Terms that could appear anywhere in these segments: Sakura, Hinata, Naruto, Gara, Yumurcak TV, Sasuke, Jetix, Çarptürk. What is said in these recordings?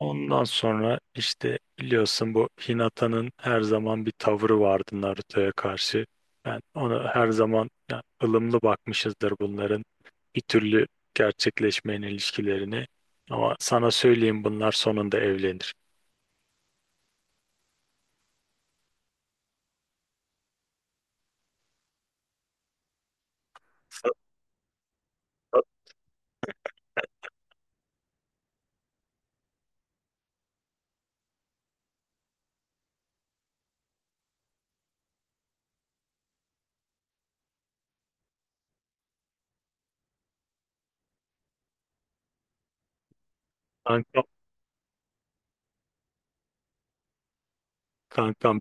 Ondan sonra işte biliyorsun bu Hinata'nın her zaman bir tavrı vardı Naruto'ya karşı. Ben ona her zaman yani ılımlı bakmışızdır bunların bir türlü gerçekleşmeyen ilişkilerini. Ama sana söyleyeyim bunlar sonunda evlenir. Sa- sa- Kankam, kankam,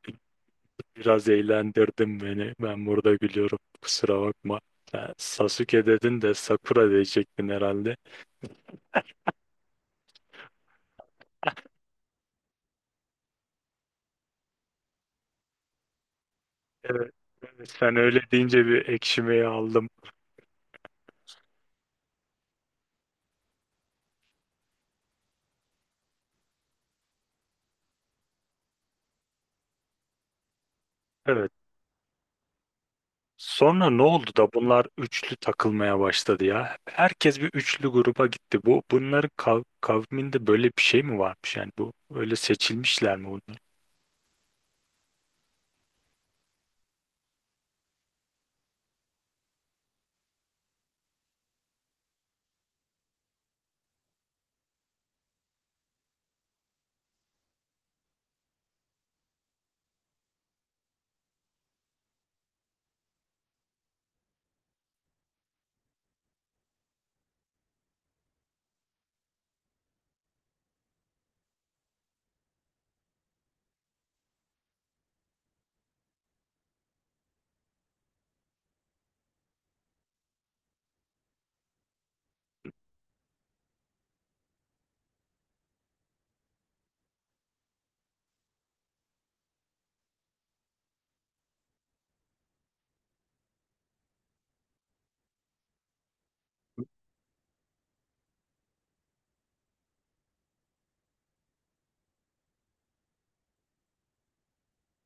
biraz eğlendirdin beni. Ben burada gülüyorum. Kusura bakma. Sen Sasuke dedin de Sakura diyecektin herhalde. Evet, evet, sen öyle deyince bir ekşimeyi aldım. Evet. Sonra ne oldu da bunlar üçlü takılmaya başladı ya? Herkes bir üçlü gruba gitti. Bu bunların kav kavminde böyle bir şey mi varmış? Yani bu öyle seçilmişler mi bunlar?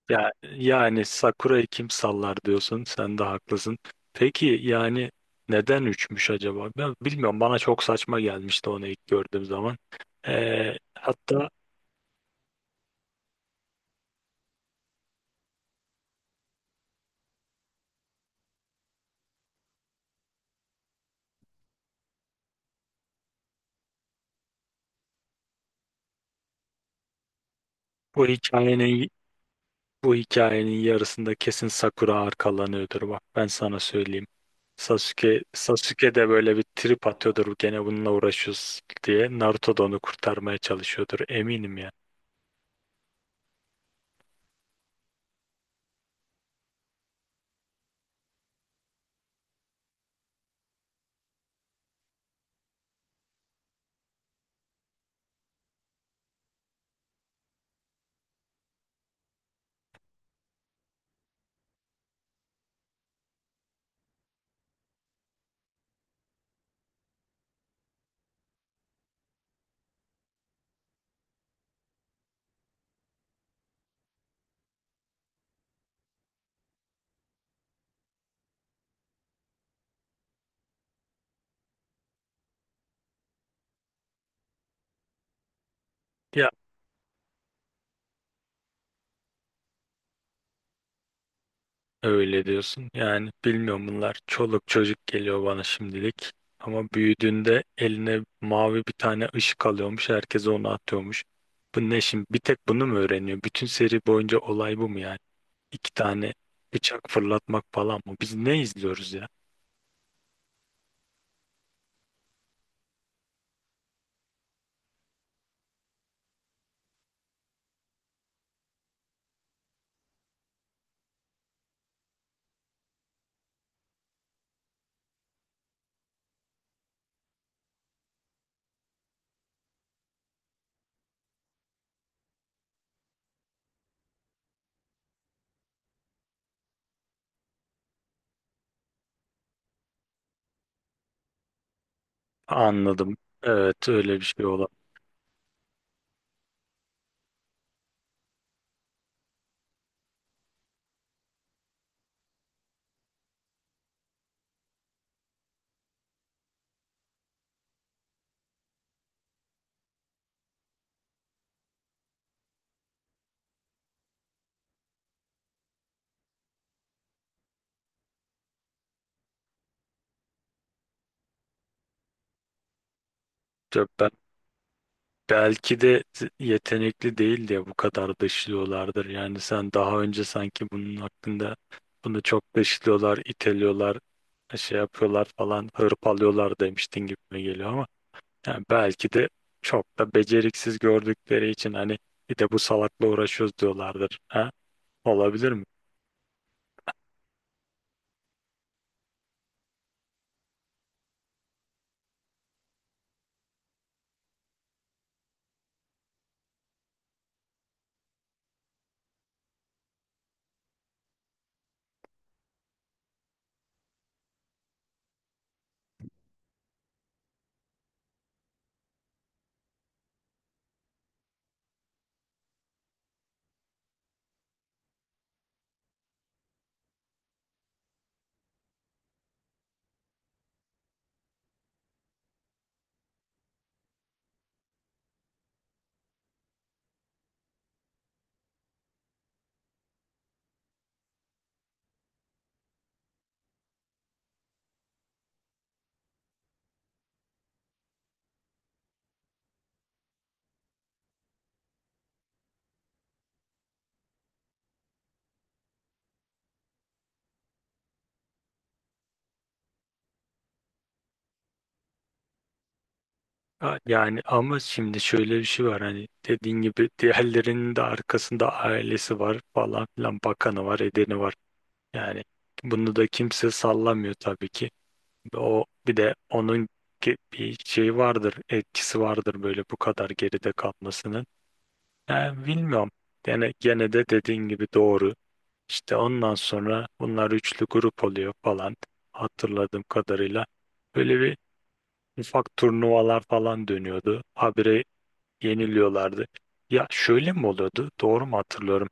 Ya yani Sakura'yı kim sallar diyorsun? Sen de haklısın. Peki yani neden üçmüş acaba? Ben bilmiyorum. Bana çok saçma gelmişti onu ilk gördüğüm zaman. Hatta bu hikayenin bu hikayenin yarısında kesin Sakura arkalanıyordur bak ben sana söyleyeyim. Sasuke, Sasuke de böyle bir trip atıyordur gene bununla uğraşıyoruz diye. Naruto da onu kurtarmaya çalışıyordur eminim ya. Ya öyle diyorsun yani bilmiyorum bunlar çoluk çocuk geliyor bana şimdilik. Ama büyüdüğünde eline mavi bir tane ışık alıyormuş herkes onu atıyormuş. Bu ne şimdi bir tek bunu mu öğreniyor? Bütün seri boyunca olay bu mu yani? İki tane bıçak fırlatmak falan mı? Biz ne izliyoruz ya? Anladım. Evet öyle bir şey olabilir. Ben belki de yetenekli değil diye bu kadar dışlıyorlardır. Yani sen daha önce sanki bunun hakkında bunu çok dışlıyorlar, iteliyorlar, şey yapıyorlar falan, hırpalıyorlar demiştin gibi geliyor ama yani belki de çok da beceriksiz gördükleri için hani bir de bu salakla uğraşıyoruz diyorlardır. Ha? Olabilir mi? Ha, yani ama şimdi şöyle bir şey var hani dediğin gibi diğerlerinin de arkasında ailesi var falan filan bakanı var edeni var. Yani bunu da kimse sallamıyor tabii ki. O bir de onun bir şeyi vardır etkisi vardır böyle bu kadar geride kalmasının. Yani bilmiyorum. Yani gene de dediğin gibi doğru. İşte ondan sonra bunlar üçlü grup oluyor falan hatırladığım kadarıyla. Böyle bir ufak turnuvalar falan dönüyordu. Habire yeniliyorlardı. Ya şöyle mi oluyordu? Doğru mu hatırlıyorum?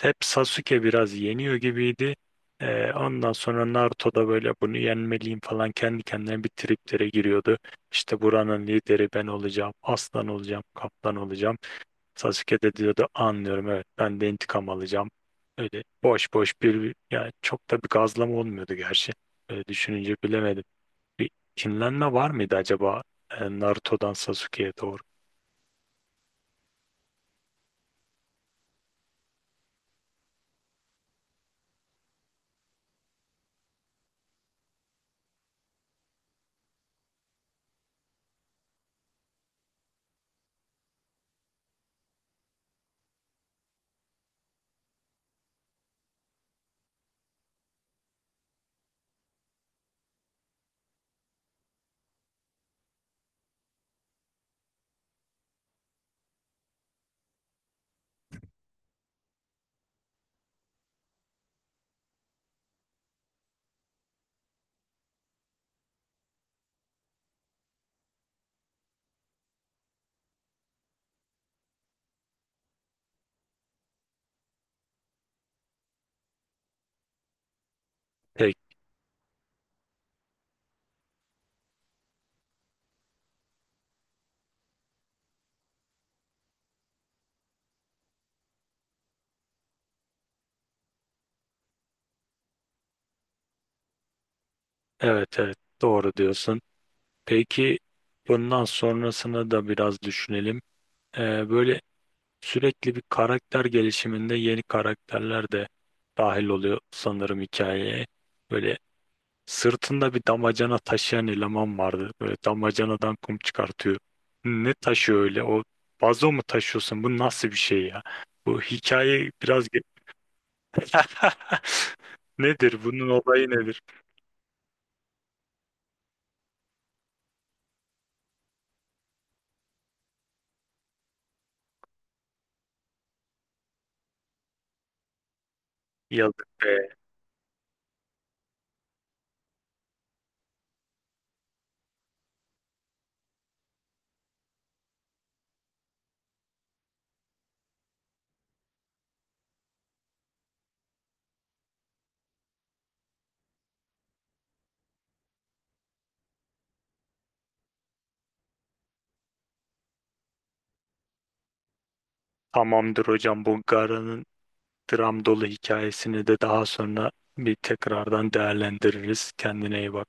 Hep Sasuke biraz yeniyor gibiydi. Ondan sonra Naruto da böyle bunu yenmeliyim falan kendi kendine bir triplere giriyordu. İşte buranın lideri ben olacağım, aslan olacağım, kaptan olacağım. Sasuke de diyordu anlıyorum evet ben de intikam alacağım. Öyle boş boş bir yani çok da bir gazlama olmuyordu gerçi. Öyle düşününce bilemedim. Bir kinlenme var mıydı acaba Naruto'dan Sasuke'ye doğru? Evet, evet, doğru diyorsun. Peki bundan sonrasını da biraz düşünelim. Böyle sürekli bir karakter gelişiminde yeni karakterler de dahil oluyor sanırım hikayeye. Böyle sırtında bir damacana taşıyan eleman vardı. Böyle damacanadan kum çıkartıyor. Ne taşıyor öyle? O vazo mu taşıyorsun? Bu nasıl bir şey ya? Bu hikaye biraz... Nedir? Bunun olayı nedir? Yazık be. Tamamdır hocam bu Gara'nın dram dolu hikayesini de daha sonra bir tekrardan değerlendiririz. Kendine iyi bak.